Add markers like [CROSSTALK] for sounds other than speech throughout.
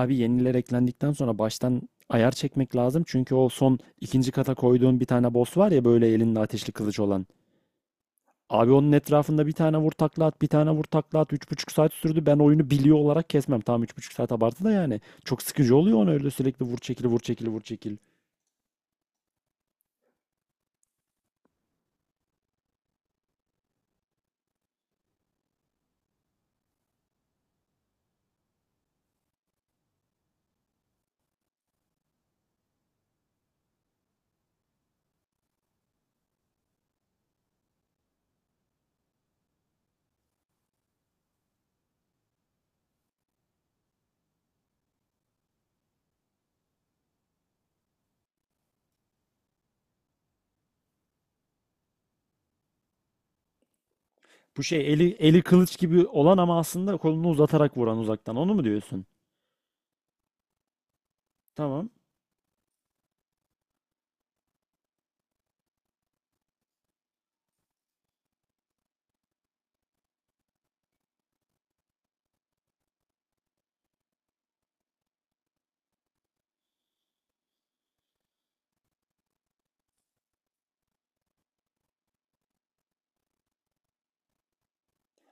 Abi yeniler eklendikten sonra baştan ayar çekmek lazım. Çünkü o son ikinci kata koyduğun bir tane boss var ya böyle elinde ateşli kılıç olan. Abi onun etrafında bir tane vur takla at, bir tane vur takla at. 3,5 saat sürdü. Ben oyunu biliyor olarak kesmem. Tamam, 3,5 saat abartı da yani. Çok sıkıcı oluyor onu öyle sürekli vur çekil, vur çekil, vur çekil. Bu şey eli kılıç gibi olan ama aslında kolunu uzatarak vuran uzaktan. Onu mu diyorsun? Tamam.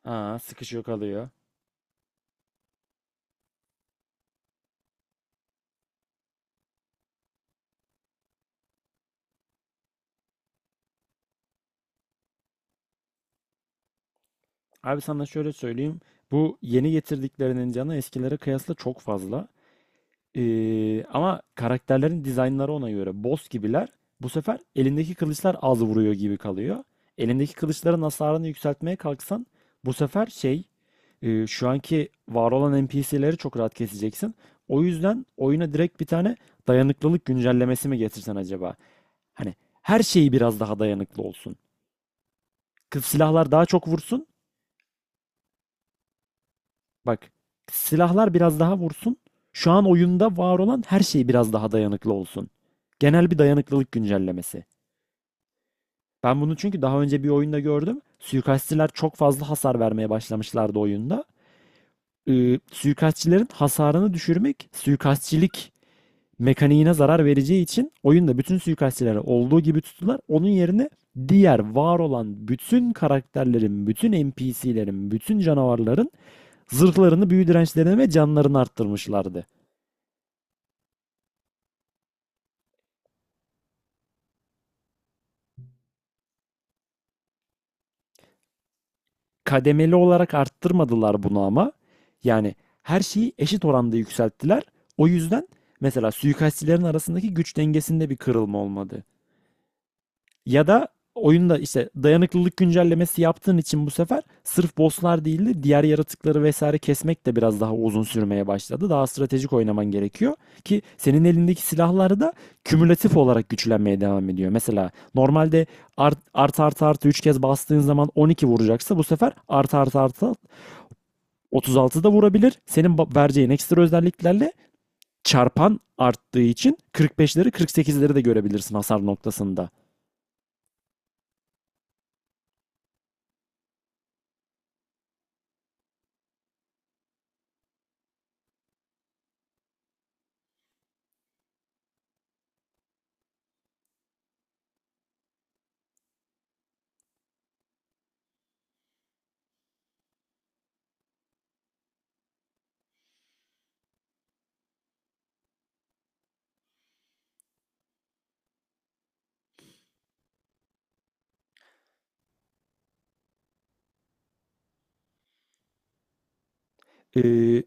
Aa, sıkışıyor kalıyor. Abi sana şöyle söyleyeyim. Bu yeni getirdiklerinin canı eskilere kıyasla çok fazla. Ama karakterlerin dizaynları ona göre. Boss gibiler. Bu sefer elindeki kılıçlar az vuruyor gibi kalıyor. Elindeki kılıçların hasarını yükseltmeye kalksan bu sefer şu anki var olan NPC'leri çok rahat keseceksin. O yüzden oyuna direkt bir tane dayanıklılık güncellemesi mi getirsen acaba? Hani her şeyi biraz daha dayanıklı olsun. Kız silahlar daha çok vursun. Bak, silahlar biraz daha vursun. Şu an oyunda var olan her şey biraz daha dayanıklı olsun. Genel bir dayanıklılık güncellemesi. Ben bunu çünkü daha önce bir oyunda gördüm. Suikastçiler çok fazla hasar vermeye başlamışlardı oyunda. Suikastçilerin hasarını düşürmek suikastçilik mekaniğine zarar vereceği için oyunda bütün suikastçilere olduğu gibi tuttular. Onun yerine diğer var olan bütün karakterlerin, bütün NPC'lerin, bütün canavarların zırhlarını, büyü dirençlerini ve canlarını arttırmışlardı. Kademeli olarak arttırmadılar bunu ama. Yani her şeyi eşit oranda yükselttiler. O yüzden mesela suikastçilerin arasındaki güç dengesinde bir kırılma olmadı. Ya da oyunda işte dayanıklılık güncellemesi yaptığın için bu sefer sırf bosslar değil de diğer yaratıkları vesaire kesmek de biraz daha uzun sürmeye başladı. Daha stratejik oynaman gerekiyor ki senin elindeki silahlar da kümülatif olarak güçlenmeye devam ediyor. Mesela normalde art art art artı 3 kez bastığın zaman 12 vuracaksa bu sefer art art artı 36 da vurabilir. Senin vereceğin ekstra özelliklerle çarpan arttığı için 45'leri 48'leri de görebilirsin hasar noktasında. Ee,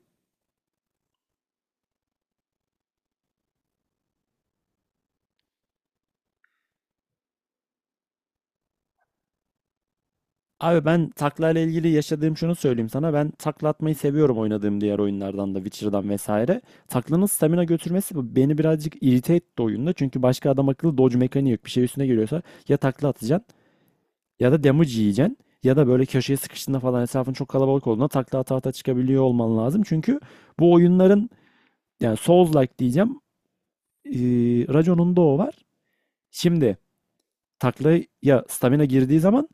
abi ben takla ile ilgili yaşadığım şunu söyleyeyim sana. Ben takla atmayı seviyorum oynadığım diğer oyunlardan da, Witcher'dan vesaire. Taklanın stamina götürmesi beni birazcık irite etti oyunda. Çünkü başka adam akıllı dodge mekaniği yok. Bir şey üstüne geliyorsa ya takla atacaksın ya da damage yiyeceksin. Ya da böyle köşeye sıkıştığında falan, etrafın çok kalabalık olduğunda takla ata ata çıkabiliyor olman lazım. Çünkü bu oyunların. Yani Souls-like diyeceğim. Ee, Rajon'un da o var. Şimdi taklaya stamina girdiği zaman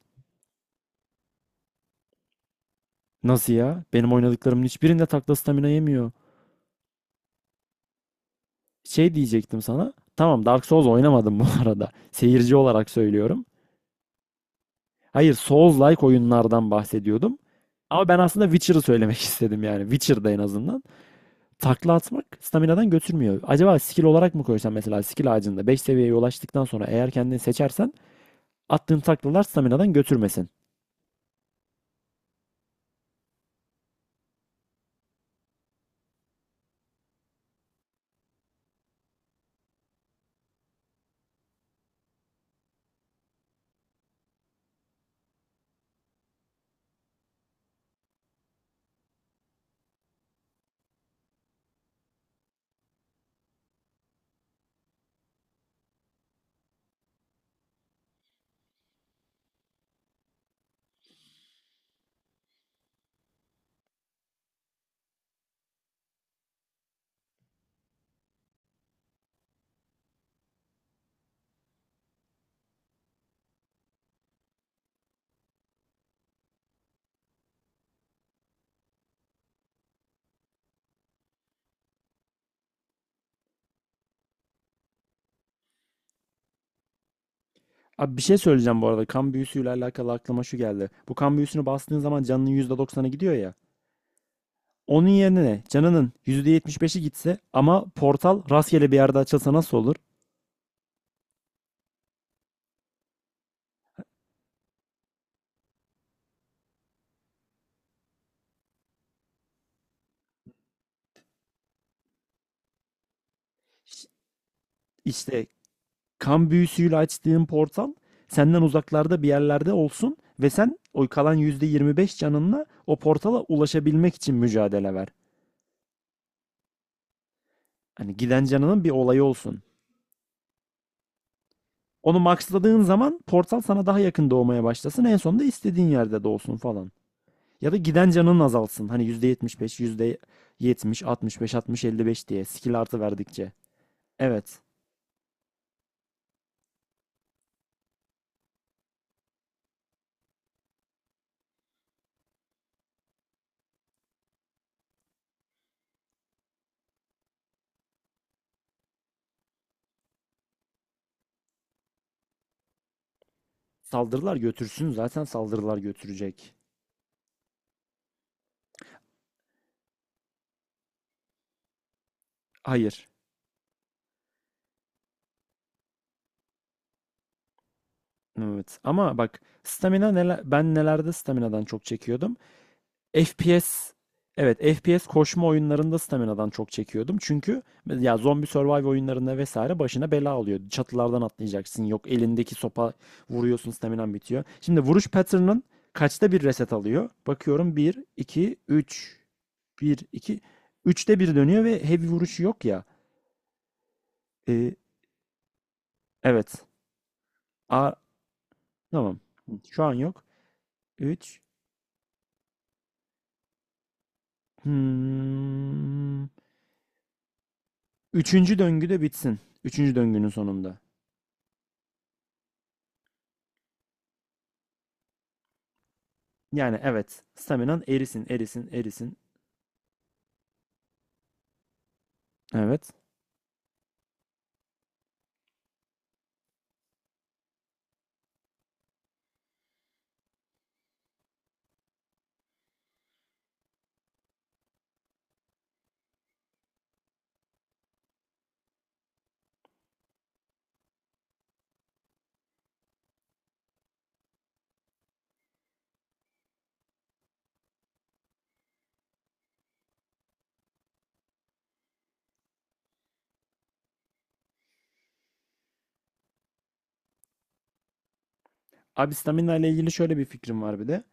nasıl ya? Benim oynadıklarımın hiçbirinde takla stamina yemiyor. Şey diyecektim sana. Tamam, Dark Souls oynamadım [LAUGHS] bu arada. Seyirci olarak söylüyorum. Hayır, Souls-like oyunlardan bahsediyordum. Ama ben aslında Witcher'ı söylemek [LAUGHS] istedim yani. Witcher'da en azından. Takla atmak staminadan götürmüyor. Acaba skill olarak mı koysan mesela skill ağacında 5 seviyeye ulaştıktan sonra eğer kendini seçersen attığın taklalar staminadan götürmesin. Abi bir şey söyleyeceğim bu arada. Kan büyüsüyle alakalı aklıma şu geldi. Bu kan büyüsünü bastığın zaman canının %90'ı gidiyor ya. Onun yerine ne? Canının %75'i gitse ama portal rastgele bir yerde açılsa nasıl olur? Ş- İşte kan büyüsüyle açtığın portal senden uzaklarda bir yerlerde olsun ve sen o kalan %25 canınla o portala ulaşabilmek için mücadele ver. Hani giden canının bir olayı olsun. Onu maxladığın zaman portal sana daha yakın doğmaya başlasın. En sonunda istediğin yerde doğsun falan. Ya da giden canın azalsın. Hani yüzde yüzde beş yüzde yetmiş, altmış beş altmış 60, beş diye skill artı verdikçe. Evet. Saldırılar götürsün. Zaten saldırılar götürecek. Hayır. Evet. Ama bak stamina neler, ben nelerde staminadan çok çekiyordum. FPS. Evet, FPS koşma oyunlarında staminadan çok çekiyordum. Çünkü ya zombi survive oyunlarında vesaire başına bela oluyordu. Çatılardan atlayacaksın. Yok, elindeki sopa vuruyorsun staminan bitiyor. Şimdi vuruş pattern'ın kaçta bir reset alıyor? Bakıyorum bir, iki, üç, bir, iki, üçte bir dönüyor ve heavy vuruşu yok ya. Ee, evet. A tamam. Şu an yok. 3. Hmm. Üçüncü döngü de bitsin. Üçüncü döngünün sonunda. Yani evet. Staminan erisin, erisin, erisin. Evet. Abi stamina ile ilgili şöyle bir fikrim var bir de.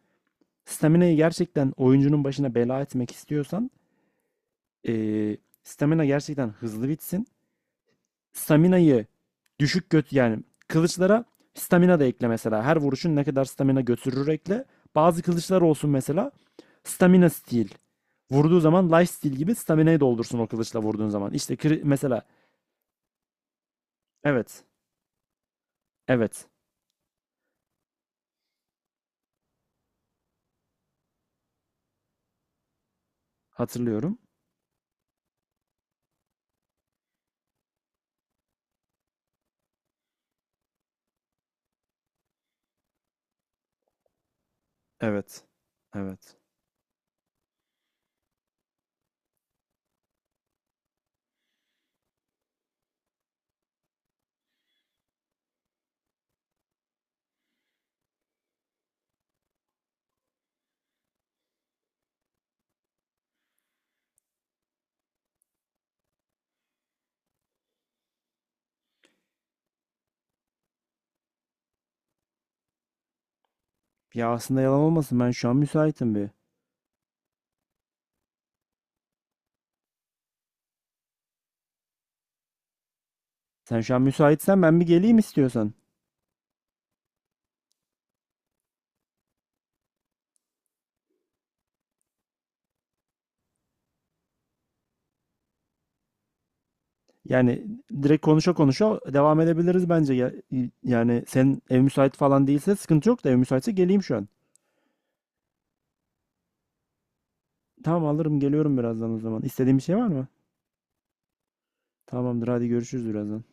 Stamina'yı gerçekten oyuncunun başına bela etmek istiyorsan stamina gerçekten hızlı bitsin. Stamina'yı düşük göt yani kılıçlara stamina da ekle mesela. Her vuruşun ne kadar stamina götürür ekle. Bazı kılıçlar olsun mesela stamina steal. Vurduğu zaman life steal gibi stamina'yı doldursun o kılıçla vurduğun zaman. İşte mesela evet. Evet. Hatırlıyorum. Evet. Evet. Ya aslında yalan olmasın ben şu an müsaitim bir. Sen şu an müsaitsen ben bir geleyim istiyorsan. Yani direkt konuşa konuşa devam edebiliriz bence. Yani sen ev müsait falan değilse sıkıntı yok da ev müsaitse geleyim şu an. Tamam alırım geliyorum birazdan o zaman. İstediğin bir şey var mı? Tamamdır, hadi görüşürüz birazdan.